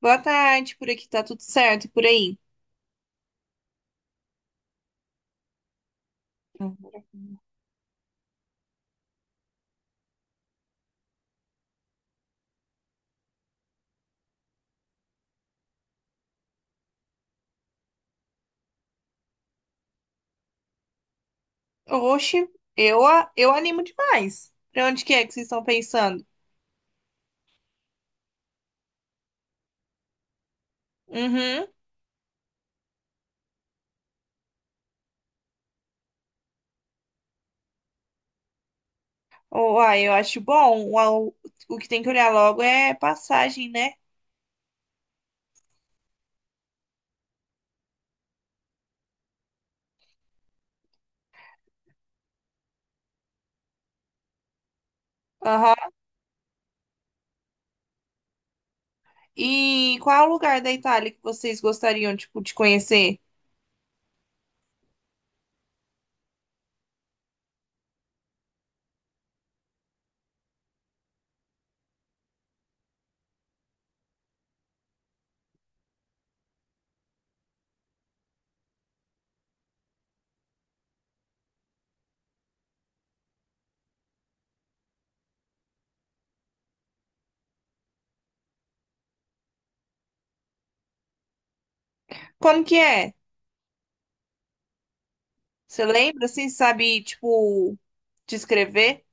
Boa tarde, por aqui tá tudo certo, e por aí? Hum. Oxe, eu animo demais. Pra onde que é que vocês estão pensando? Uhum. Uai, eu acho bom. O que tem que olhar logo é passagem, né? Aham. E qual é lugar da Itália que vocês gostariam, tipo, de conhecer? Como que é? Você lembra? Assim, sabe, tipo, descrever?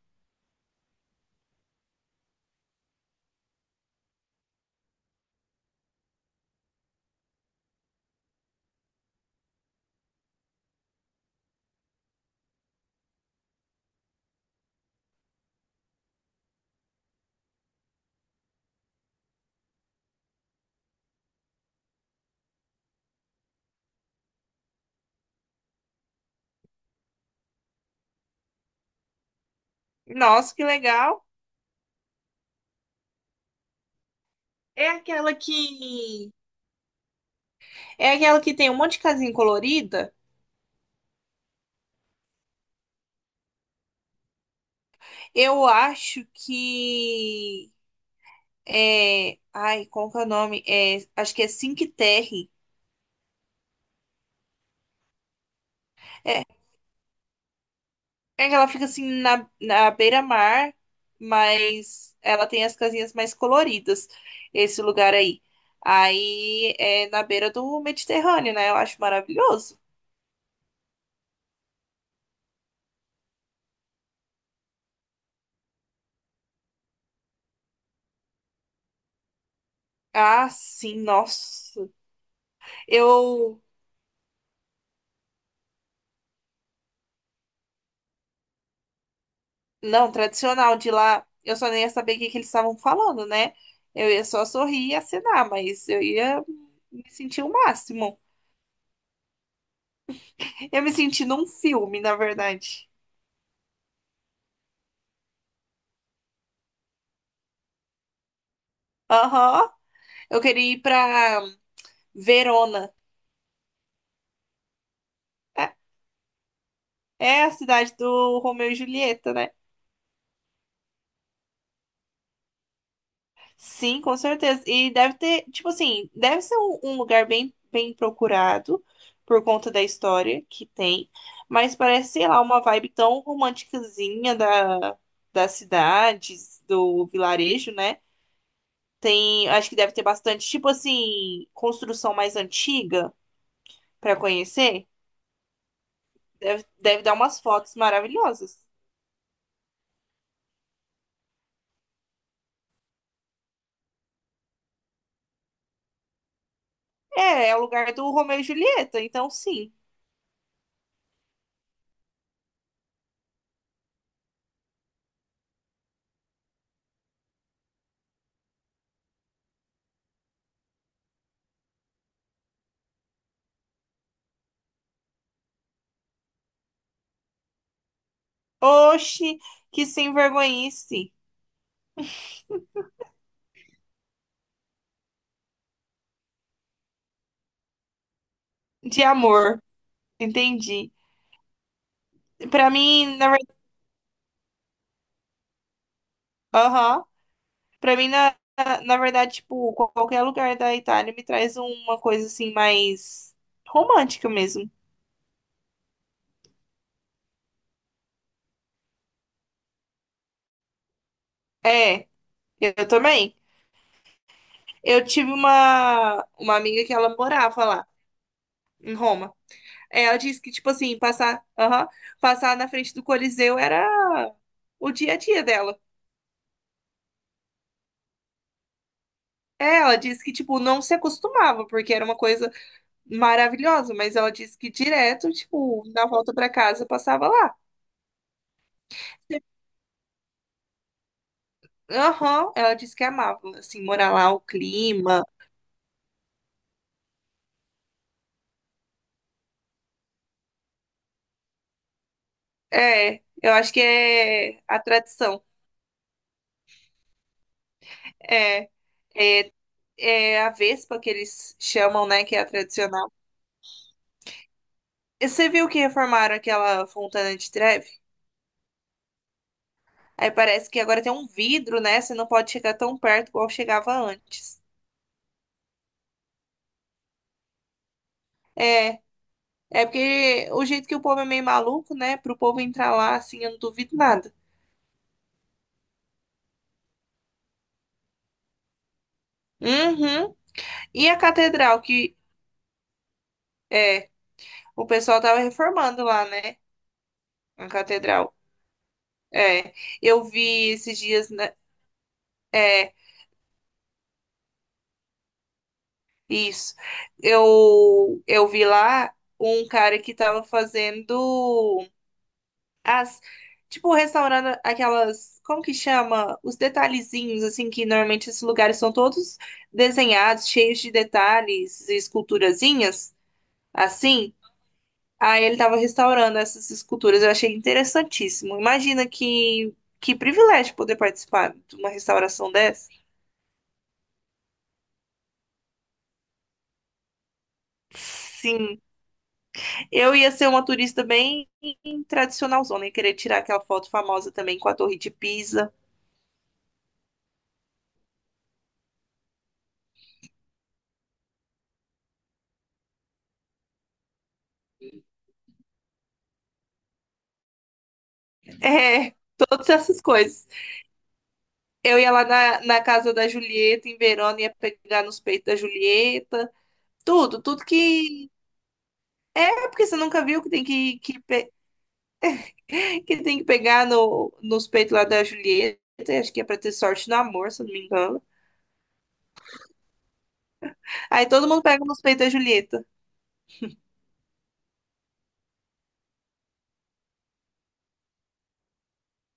Nossa, que legal. É aquela que... É aquela que tem um monte de casinha colorida? Eu acho que é, ai, como que é o nome? É, acho que é Cinque Terre. É, é que ela fica assim na beira-mar, mas ela tem as casinhas mais coloridas, esse lugar aí. Aí é na beira do Mediterrâneo, né? Eu acho maravilhoso. Ah, sim, nossa. Eu não, tradicional de lá, eu só nem ia saber o que que eles estavam falando, né? Eu ia só sorrir e acenar, mas eu ia me sentir o máximo. Eu me senti num filme, na verdade. Aham. Eu queria ir pra Verona. É, é a cidade do Romeu e Julieta, né? Sim, com certeza. E deve ter, tipo assim, deve ser um lugar bem, bem procurado por conta da história que tem, mas parece, sei lá, uma vibe tão romanticazinha da, das cidades, do vilarejo, né? Tem, acho que deve ter bastante, tipo assim, construção mais antiga para conhecer. Deve, deve dar umas fotos maravilhosas. É, é o lugar do Romeu e Julieta, então sim. Oxi, que sem vergonhice de amor. Entendi. Pra mim, na verdade, aham. Pra mim, na verdade, tipo, qualquer lugar da Itália me traz uma coisa assim mais romântica mesmo. É, eu também. Eu tive uma amiga que ela morava lá em Roma. É, ela disse que tipo assim, passar, aham, passar na frente do Coliseu era o dia a dia dela. É, ela disse que, tipo, não se acostumava, porque era uma coisa maravilhosa, mas ela disse que direto, tipo, na volta pra casa passava lá. Aham, ela disse que amava, assim, morar lá, o clima. É, eu acho que é a tradição. É, é, É a Vespa que eles chamam, né, que é a tradicional. E você viu que reformaram aquela Fontana de Trevi? Aí parece que agora tem um vidro, né? Você não pode chegar tão perto igual chegava antes. É, é porque o jeito que o povo é meio maluco, né? Pro povo entrar lá, assim, eu não duvido nada. Uhum. E a catedral que é, o pessoal tava reformando lá, né? A catedral. É, eu vi esses dias, né? É, isso. Eu vi lá um cara que tava fazendo as, tipo, restaurando aquelas, como que chama? Os detalhezinhos, assim, que normalmente esses lugares são todos desenhados, cheios de detalhes e esculturazinhas, assim. Aí ele tava restaurando essas esculturas. Eu achei interessantíssimo. Imagina que privilégio poder participar de uma restauração dessa. Sim. Eu ia ser uma turista bem tradicionalzona e querer tirar aquela foto famosa também com a Torre de Pisa. É, todas essas coisas. Eu ia lá na casa da Julieta, em Verona, ia pegar nos peitos da Julieta. Tudo, tudo que. É porque você nunca viu que tem que tem que pegar no, nos peitos lá da Julieta. Acho que é pra ter sorte no amor, se eu não me engano. Aí todo mundo pega nos peitos da Julieta.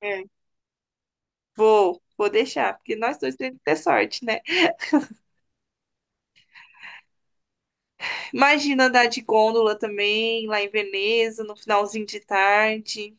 É. Vou deixar, porque nós dois temos que ter sorte, né? Imagina andar de gôndola também, lá em Veneza, no finalzinho de tarde.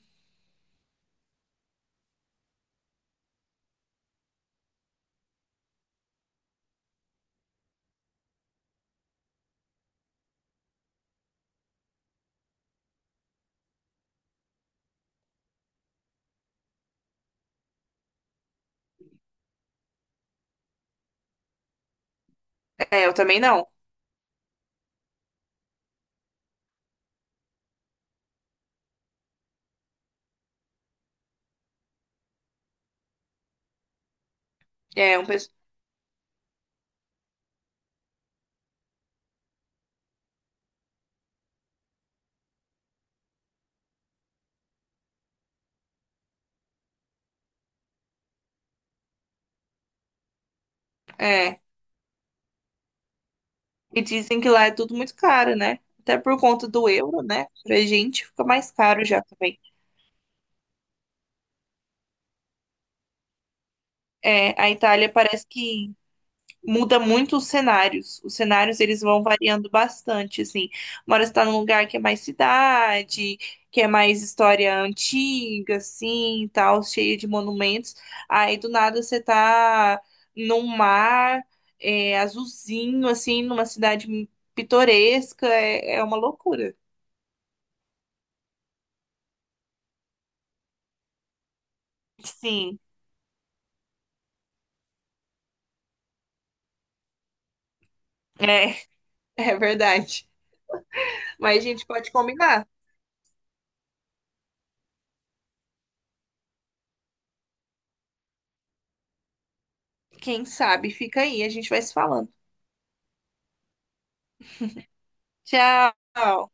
É, eu também não. É, um, pes- É. E dizem que lá é tudo muito caro, né? Até por conta do euro, né? Pra gente fica mais caro já também. É, a Itália parece que muda muito os cenários. Os cenários eles vão variando bastante, assim. Uma hora você tá num lugar que é mais cidade, que é mais história antiga, assim, e tal, cheia de monumentos. Aí do nada você tá num mar é, azulzinho, assim, numa cidade pitoresca. É, é uma loucura. Sim, é, é verdade. Mas a gente pode combinar. Quem sabe? Fica aí, a gente vai se falando. Tchau!